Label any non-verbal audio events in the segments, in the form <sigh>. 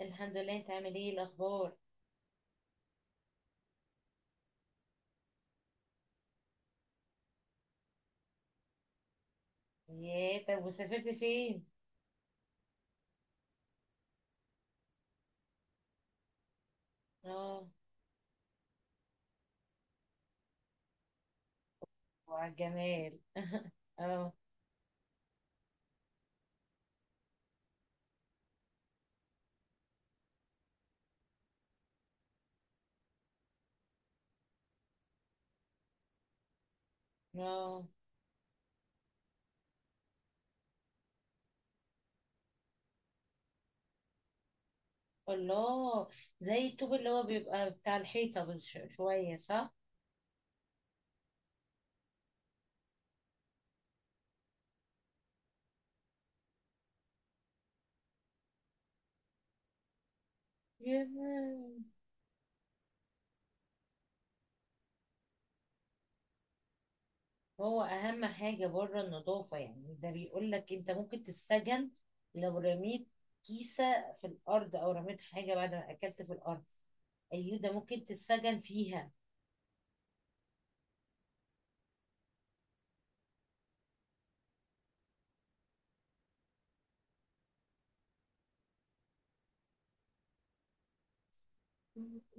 الحمد لله، انت عامل ايه؟ إيه الاخبار؟ يا طب، وسافرت فين؟ اه، وعلى الجمال <laughs> اه، اه، الله. زي الطوب اللي هو بيبقى بتاع الحيطة، بس شوية، صح؟ يا لهوي. هو اهم حاجة بره النظافة، يعني ده بيقول لك انت ممكن تتسجن لو رميت كيسة في الارض او رميت حاجة بعد ما اكلت في الارض. ايوه، ده ممكن تتسجن فيها.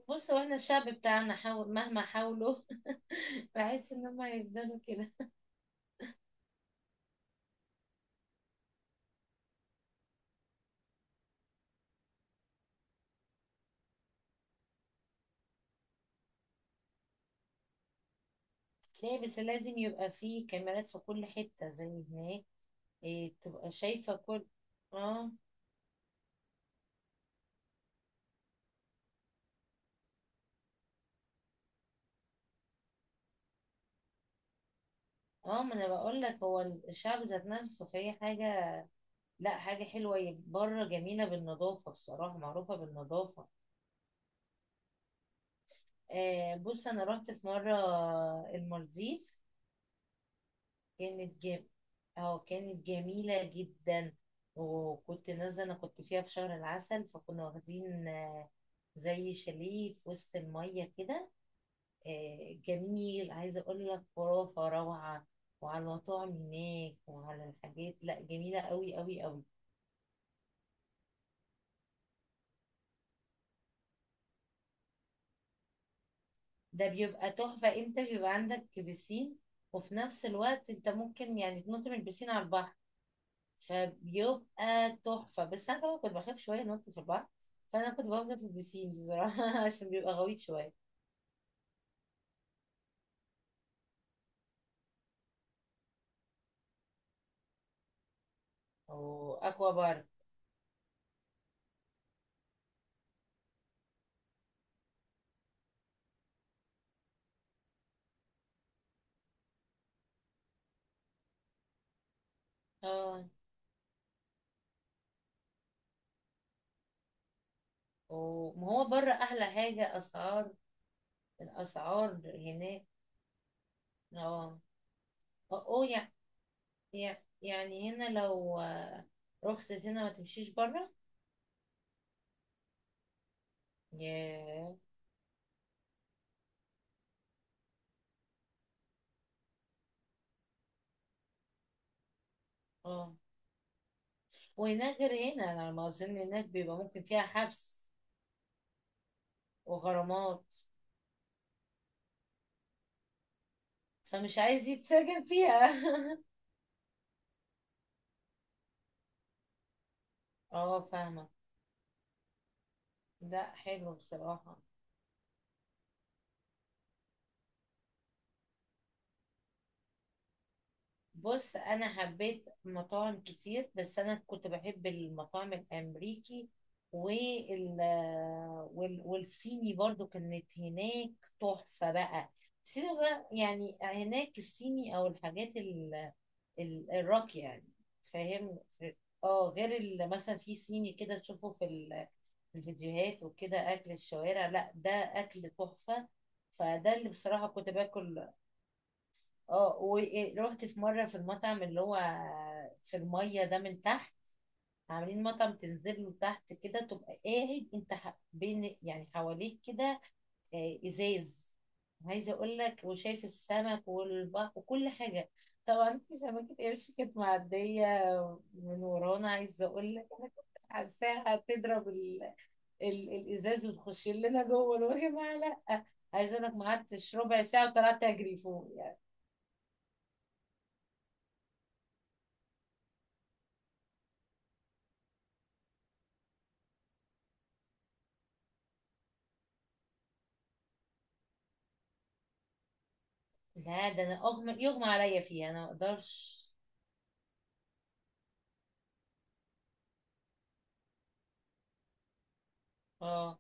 بص، هو احنا الشعب بتاعنا حاول مهما حاولوا، بحس ان هم هيفضلوا كده. تلاقي، بس لازم يبقى فيه كاميرات في كل حتة زي هناك. إيه، تبقى شايفة كل. اه، اه، ما انا بقول لك هو الشعب ذات نفسه، فهي حاجة، لا حاجة حلوة، هي بره جميلة بالنظافة، بصراحة معروفة بالنظافة. آه، بص، انا رحت في مرة المالديف. كانت جم اه كانت جميلة جدا. وكنت نازلة، انا كنت فيها في شهر العسل، فكنا واخدين زي شاليه في وسط المية كده. جميل، عايزة أقول لك، خرافة، روعة. وعلى المطاعم هناك وعلى الحاجات، لا جميلة قوي قوي قوي. ده بيبقى تحفة، أنت بيبقى عندك بسين، وفي نفس الوقت أنت ممكن يعني تنط من البسين على البحر. فبيبقى تحفة، بس أنا طبعا كنت بخاف شوية أنط في البحر. فأنا كنت بفضل في البسين بصراحة <laughs> عشان بيبقى غويط شوية. وأكوا بار. اه، وما هو بره أحلى حاجة أسعار. الأسعار هناك. اه. اوه. يعني هنا لو رخصت هنا ما تمشيش بره. ياه. اه، وهناك غير هنا، انا على ما اظن هناك بيبقى ممكن فيها حبس وغرامات. فمش عايز يتسجن فيها <laughs> اه، فاهمة. لا، حلو بصراحة. بص، انا حبيت مطاعم كتير، بس انا كنت بحب المطاعم الامريكي وال والصيني برضو، كانت هناك تحفة بقى. الصيني بقى، يعني هناك الصيني او الحاجات الراقية يعني. فاهم. اه، غير مثلا في صيني كده تشوفه في الفيديوهات وكده، اكل الشوارع، لا ده اكل تحفة. فده اللي بصراحة كنت باكل. اه، ورحت في مرة في المطعم اللي هو في المية ده من تحت. عاملين مطعم تنزل له تحت كده، تبقى قاعد انت بين، يعني حواليك كده ازاز. عايزة اقول لك، وشايف السمك والبحر وكل حاجة. طبعا في سمكة قرش كانت معدية من ورانا، عايزة اقول لك انا كنت حاساها هتضرب الازاز وتخش لنا جوه، يا جماعة، لا. عايزة اقول لك ما قعدتش ربع ساعة وطلعت اجري فوق. لا، ده انا اغمى يغمى عليا فيها، انا ما اقدرش. اه،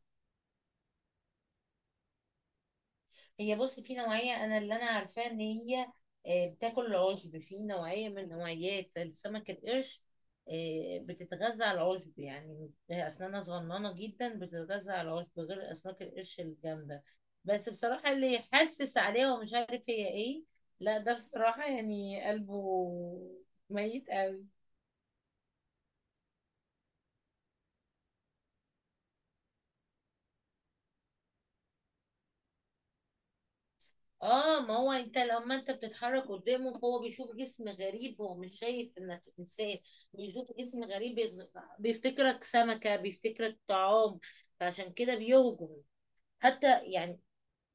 هي بصي في نوعيه، انا اللي انا عارفاه ان هي بتاكل العشب، في نوعيه من نوعيات السمك القرش. بتتغذى على العشب، يعني هي اسنانها صغننه جدا، بتتغذى على العشب، غير اسماك القرش الجامده. بس بصراحه اللي يحسس عليها ومش عارف هي ايه، لا ده بصراحه يعني قلبه ميت قوي. اه، ما هو انت لما انت بتتحرك قدامه هو بيشوف جسم غريب، هو مش شايف انك انسان. بيشوف جسم غريب، بيفتكرك سمكة، بيفتكرك طعام، فعشان كده بيهجم. حتى يعني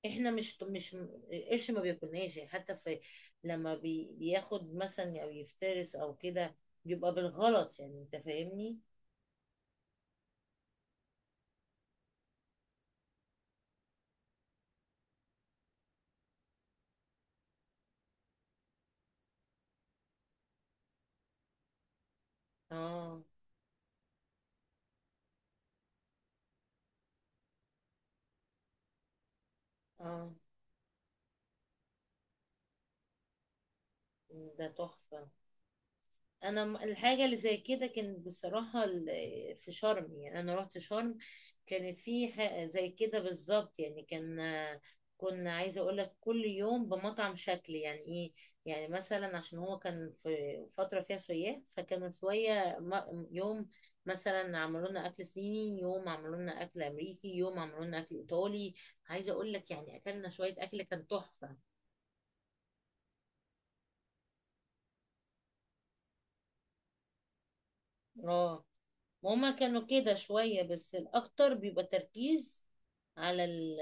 احنا مش القرش ما بياكلناش يعني، حتى في لما بياخد مثلا او يفترس او كده، بيبقى بالغلط، يعني انت فاهمني. اه، اه، ده تحفة. انا الحاجه اللي زي كده كانت بصراحه في شرم، يعني انا رحت شرم. كانت في زي كده بالظبط، يعني كان كنا عايزه اقول لك، كل يوم بمطعم شكل، يعني ايه، يعني مثلا عشان هو كان في فتره فيها سياح، فكانوا شويه يوم مثلا عملوا لنا اكل صيني، يوم عملوا لنا اكل امريكي، يوم عملوا لنا اكل ايطالي. عايزه اقول لك يعني اكلنا شويه اكل كان تحفه. اه، وهما كانوا كده شوية، بس الأكتر بيبقى تركيز على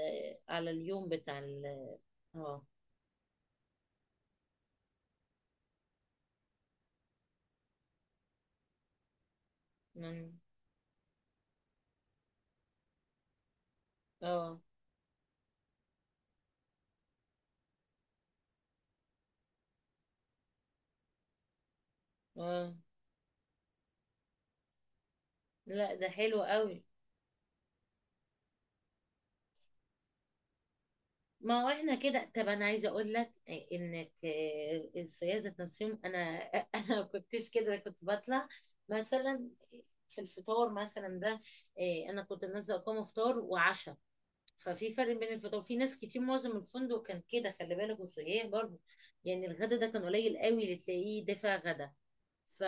على اليوم بتاع ال اه مم. اه، اه، لا ده حلو قوي. ما هو احنا كده، طب انا عايزه اقول لك انك الصيادله ذات نفسهم انا <laughs> انا ما كنتش كده، أنا كنت بطلع مثلا في الفطار مثلا ده انا كنت نازله اقوم فطار وعشاء. ففي فرق بين الفطار، في ناس كتير معظم الفندق كان كده خلي بالك، وسياح برضه. يعني الغدا ده كان قليل قوي اللي تلاقيه دافع غدا. ف...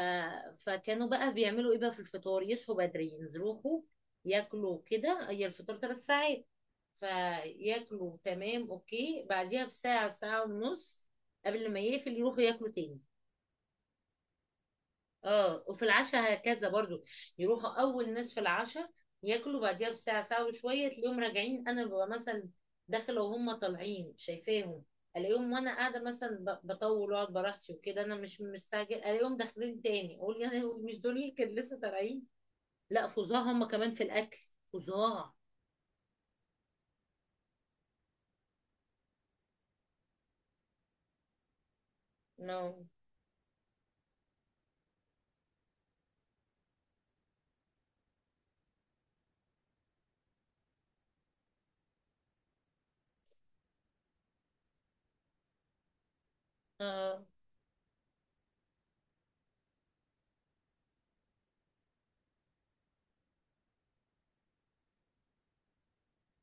فكانوا بقى بيعملوا ايه بقى في الفطار، يصحوا بدري، يروحوا ياكلوا كده، هي الفطار 3 ساعات. فياكلوا، تمام، اوكي، بعديها بساعة ساعة ونص قبل ما يقفل يروحوا ياكلوا تاني. اه، وفي العشاء هكذا برضو. يروحوا اول ناس في العشاء، ياكلوا بعديها بساعه ساعه وشويه تلاقيهم راجعين. انا ببقى مثلا داخله وهم طالعين، شايفاهم. الاقيهم وانا قاعده مثلا بطول واقعد براحتي وكده، انا مش مستعجل، الاقيهم داخلين تاني، اقول يعني هو مش دول اللي كانوا لسه طالعين. لا، فظاع هم كمان في الاكل، فظاع. نو. اه،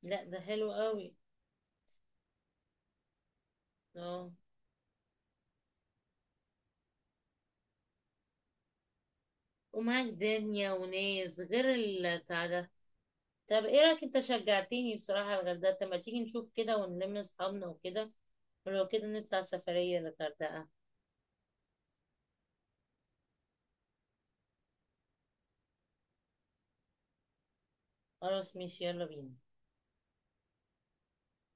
لا ده حلو قوي. اه، ومعاك دنيا وناس غير البتاع ده. طب ايه رأيك، انت شجعتني بصراحة على الغردقة، طب ما تيجي نشوف كده ونلم اصحابنا وكده، ولو كده نطلع سفرية للغردقة. خلاص، ماشي، يلا بينا.